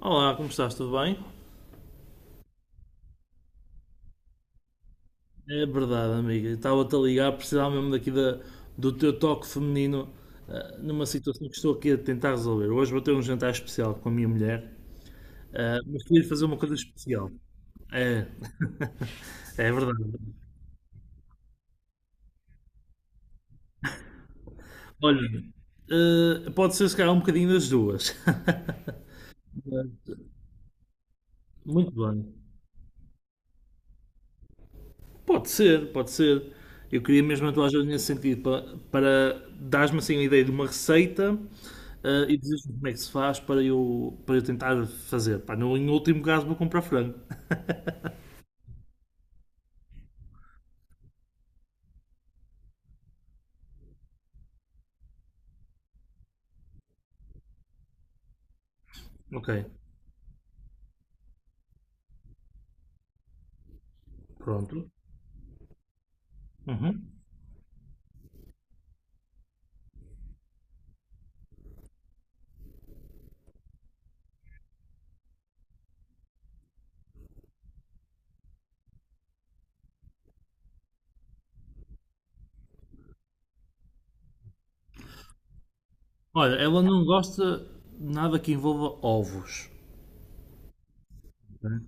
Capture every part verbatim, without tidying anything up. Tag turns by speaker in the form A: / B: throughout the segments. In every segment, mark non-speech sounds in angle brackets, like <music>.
A: Olá, como estás? Tudo bem? É verdade, amiga. Estava-te a ligar, precisava mesmo daqui da, do teu toque feminino ah, numa situação que estou aqui a tentar resolver. Hoje vou ter um jantar especial com a minha mulher, ah, mas queria fazer uma coisa especial. É, <laughs> é verdade. Olha, ah, pode ser se calhar um bocadinho das duas. <laughs> Muito bem. Pode ser, pode ser. Eu queria mesmo a tua ajuda nesse sentido, para, para dares-me assim uma ideia de uma receita ah, e dizes-me como é que se faz para eu, para eu tentar fazer. Pá, no, em último caso vou comprar frango. Ok, pronto. Uhum. Olha, ela não gosta de nada que envolva ovos. Ok?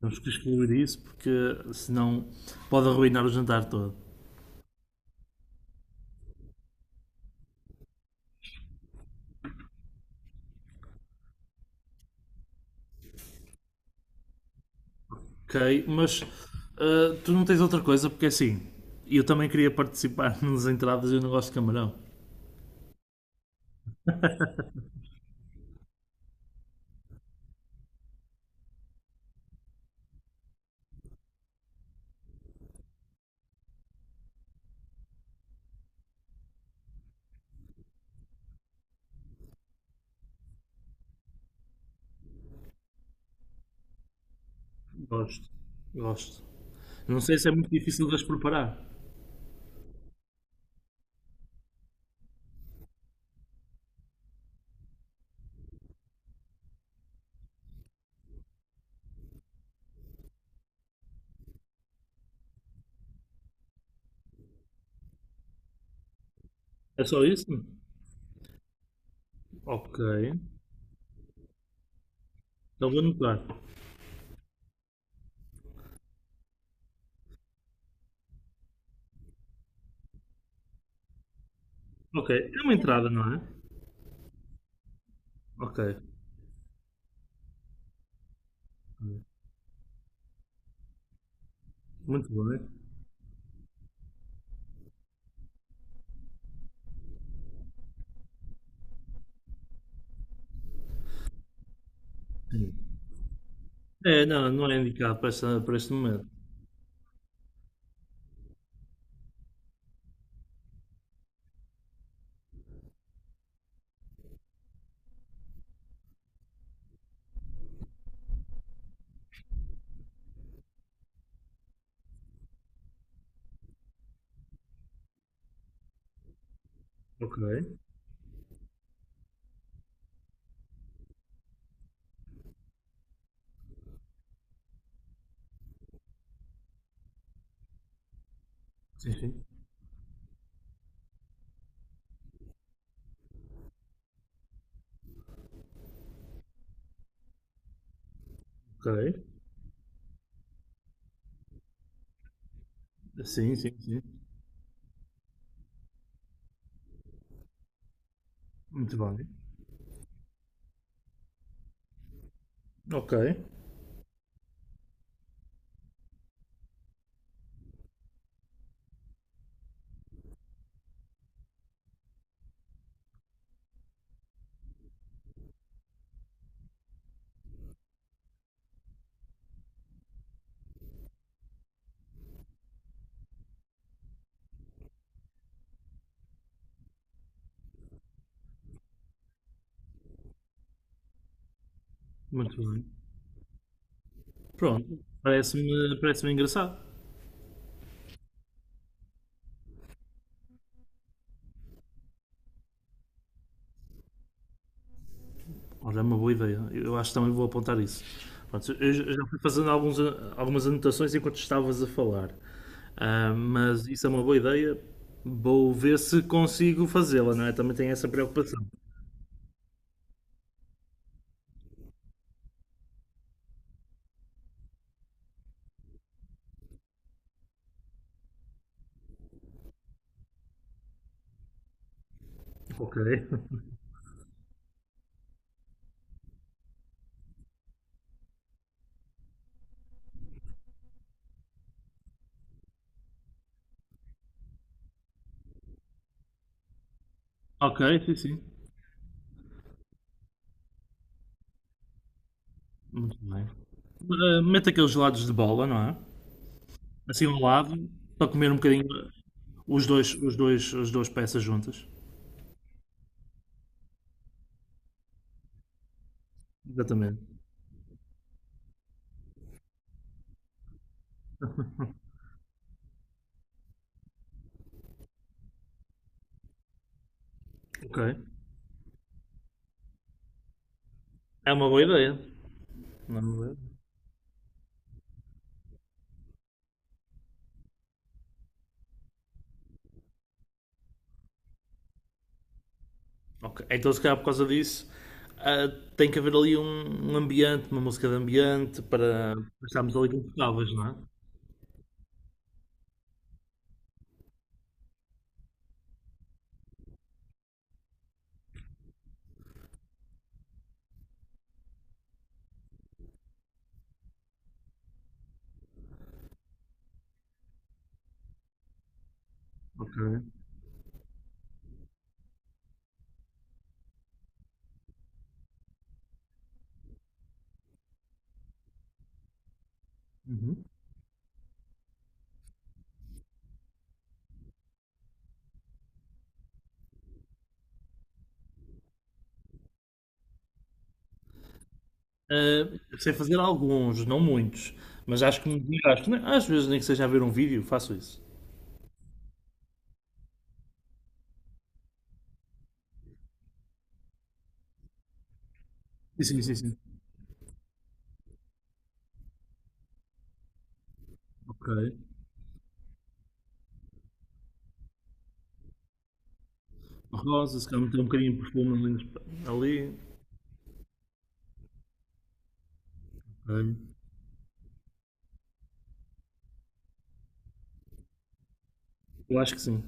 A: Temos que excluir isso porque senão pode arruinar o jantar todo. Ok, mas ah, tu não tens outra coisa porque assim, eu também queria participar <laughs> nas entradas e eu não gosto de camarão. Gosto, gosto. Não sei se é muito difícil de as preparar. É só isso? Ok. Então vou anotar. Ok. É uma entrada, não é? Ok. Muito bem. É, não, não é indicado para, esta, para este momento. Ok. Sim, sim. Ok. Sim, sim, sim. Muito bem. Ok. Muito bem. Pronto. Parece-me parece engraçado. Olha, é uma boa ideia. Eu acho que também vou apontar isso. Pronto, eu já eu já fui fazendo alguns, a- algumas anotações enquanto estavas a falar. Ah, mas isso é uma boa ideia. Vou ver se consigo fazê-la, não é? Também tenho essa preocupação. Ok. <laughs> Ok, sim, sim. Muito bem. Ah, mete aqueles gelados de bola, não é? Assim ao lado, para comer um bocadinho os dois, os dois, as duas peças juntas. Exatamente. Ok. É uma boa ideia. É uma boa ideia. Ok, então, se calhar por causa disso, ah, tem que haver ali um, um ambiente, uma música de ambiente para para estarmos ali confortáveis, não é? Ok. Uhum. Ah, sei fazer alguns, não muitos, mas acho que me desgasto. Nem- Às vezes, nem que seja a ver um vídeo, faço isso. Sim, sim, sim. sim. Ok. Rosa, se calhar meter um bocadinho de perfume ali. nos- ali. Ok. Eu acho que sim.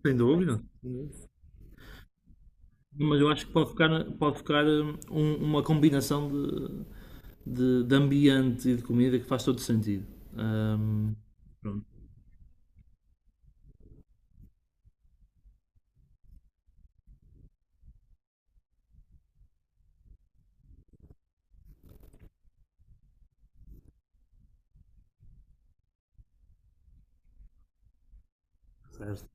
A: Sem dúvida. Sem dúvida. Mas eu acho que pode ficar, pode ficar hum, um- uma combinação de, de, de ambiente e de comida que faz todo sentido. Ahm, pronto, certo.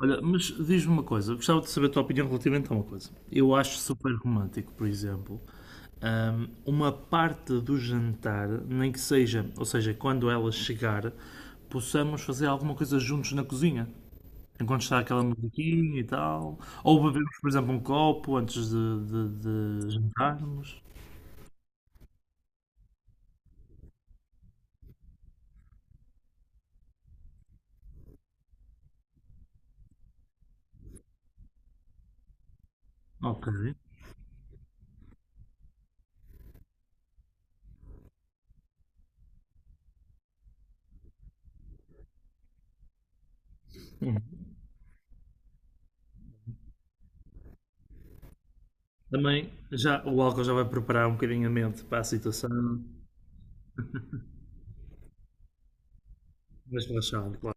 A: Olha, mas diz-me uma coisa, gostava de saber a tua opinião relativamente a uma coisa. Eu acho super romântico, por exemplo, ahm, uma parte do jantar, nem que seja, ou seja, quando ela chegar, possamos fazer alguma coisa juntos na cozinha. Enquanto está aquela musiquinha e tal. Ou bebemos, por exemplo, um copo antes de, de- de jantarmos. Ok. Também já, o álcool já vai preparar um bocadinho a mente para a situação, mas relaxado, claro.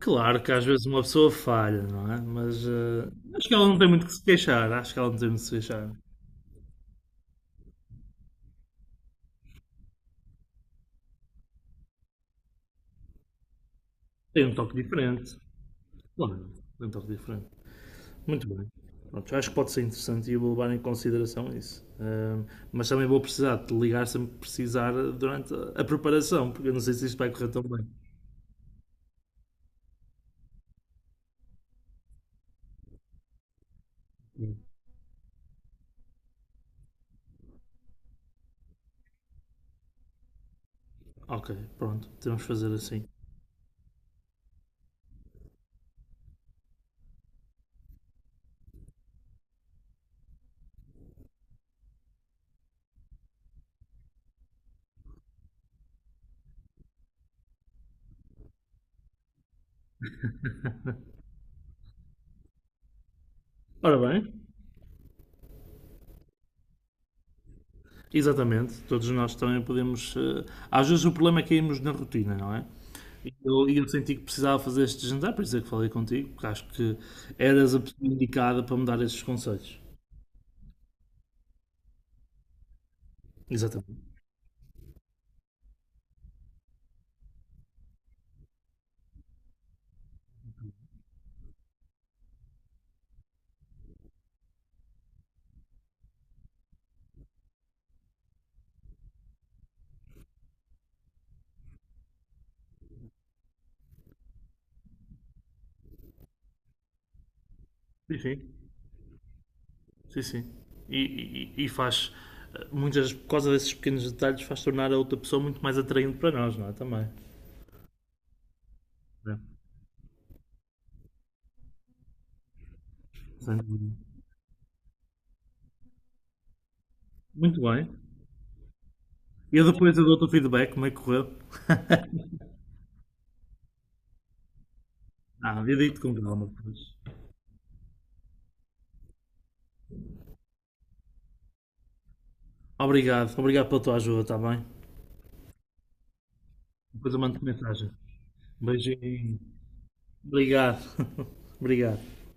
A: Claro que às vezes uma pessoa falha, não é? Mas eh, acho que ela não tem muito que se queixar, acho que ela não tem muito que se queixar. Tem um toque diferente, claro, tem um toque diferente. Muito bem. Pronto, acho que pode ser interessante e eu vou levar em consideração isso. Ahm, mas também vou precisar de te ligar se me precisar durante a a preparação, porque eu não sei se isto vai correr tão bem. Ok, pronto, temos que fazer assim. Ora bem. Exatamente, todos nós também podemos. eh, Às vezes o problema é cairmos na rotina, não é? E eu, e eu senti que precisava fazer este jantar, por isso é que falei contigo, porque acho que eras a pessoa indicada para me dar esses conselhos. Exatamente. Sim, sim. Sim, sim. E, e- e faz, eh, muitas, por causa desses pequenos detalhes, faz tornar a outra pessoa muito mais atraente para nós, não é? Também. É, sem dúvida. Muito bem. E eu depois eu dou-te o feedback, como é que correu? Ah, havia dito com calma, pois. Obrigado, obrigado pela tua ajuda, está bem? Depois eu mando mensagem. Beijinho. Obrigado. <laughs> Obrigado.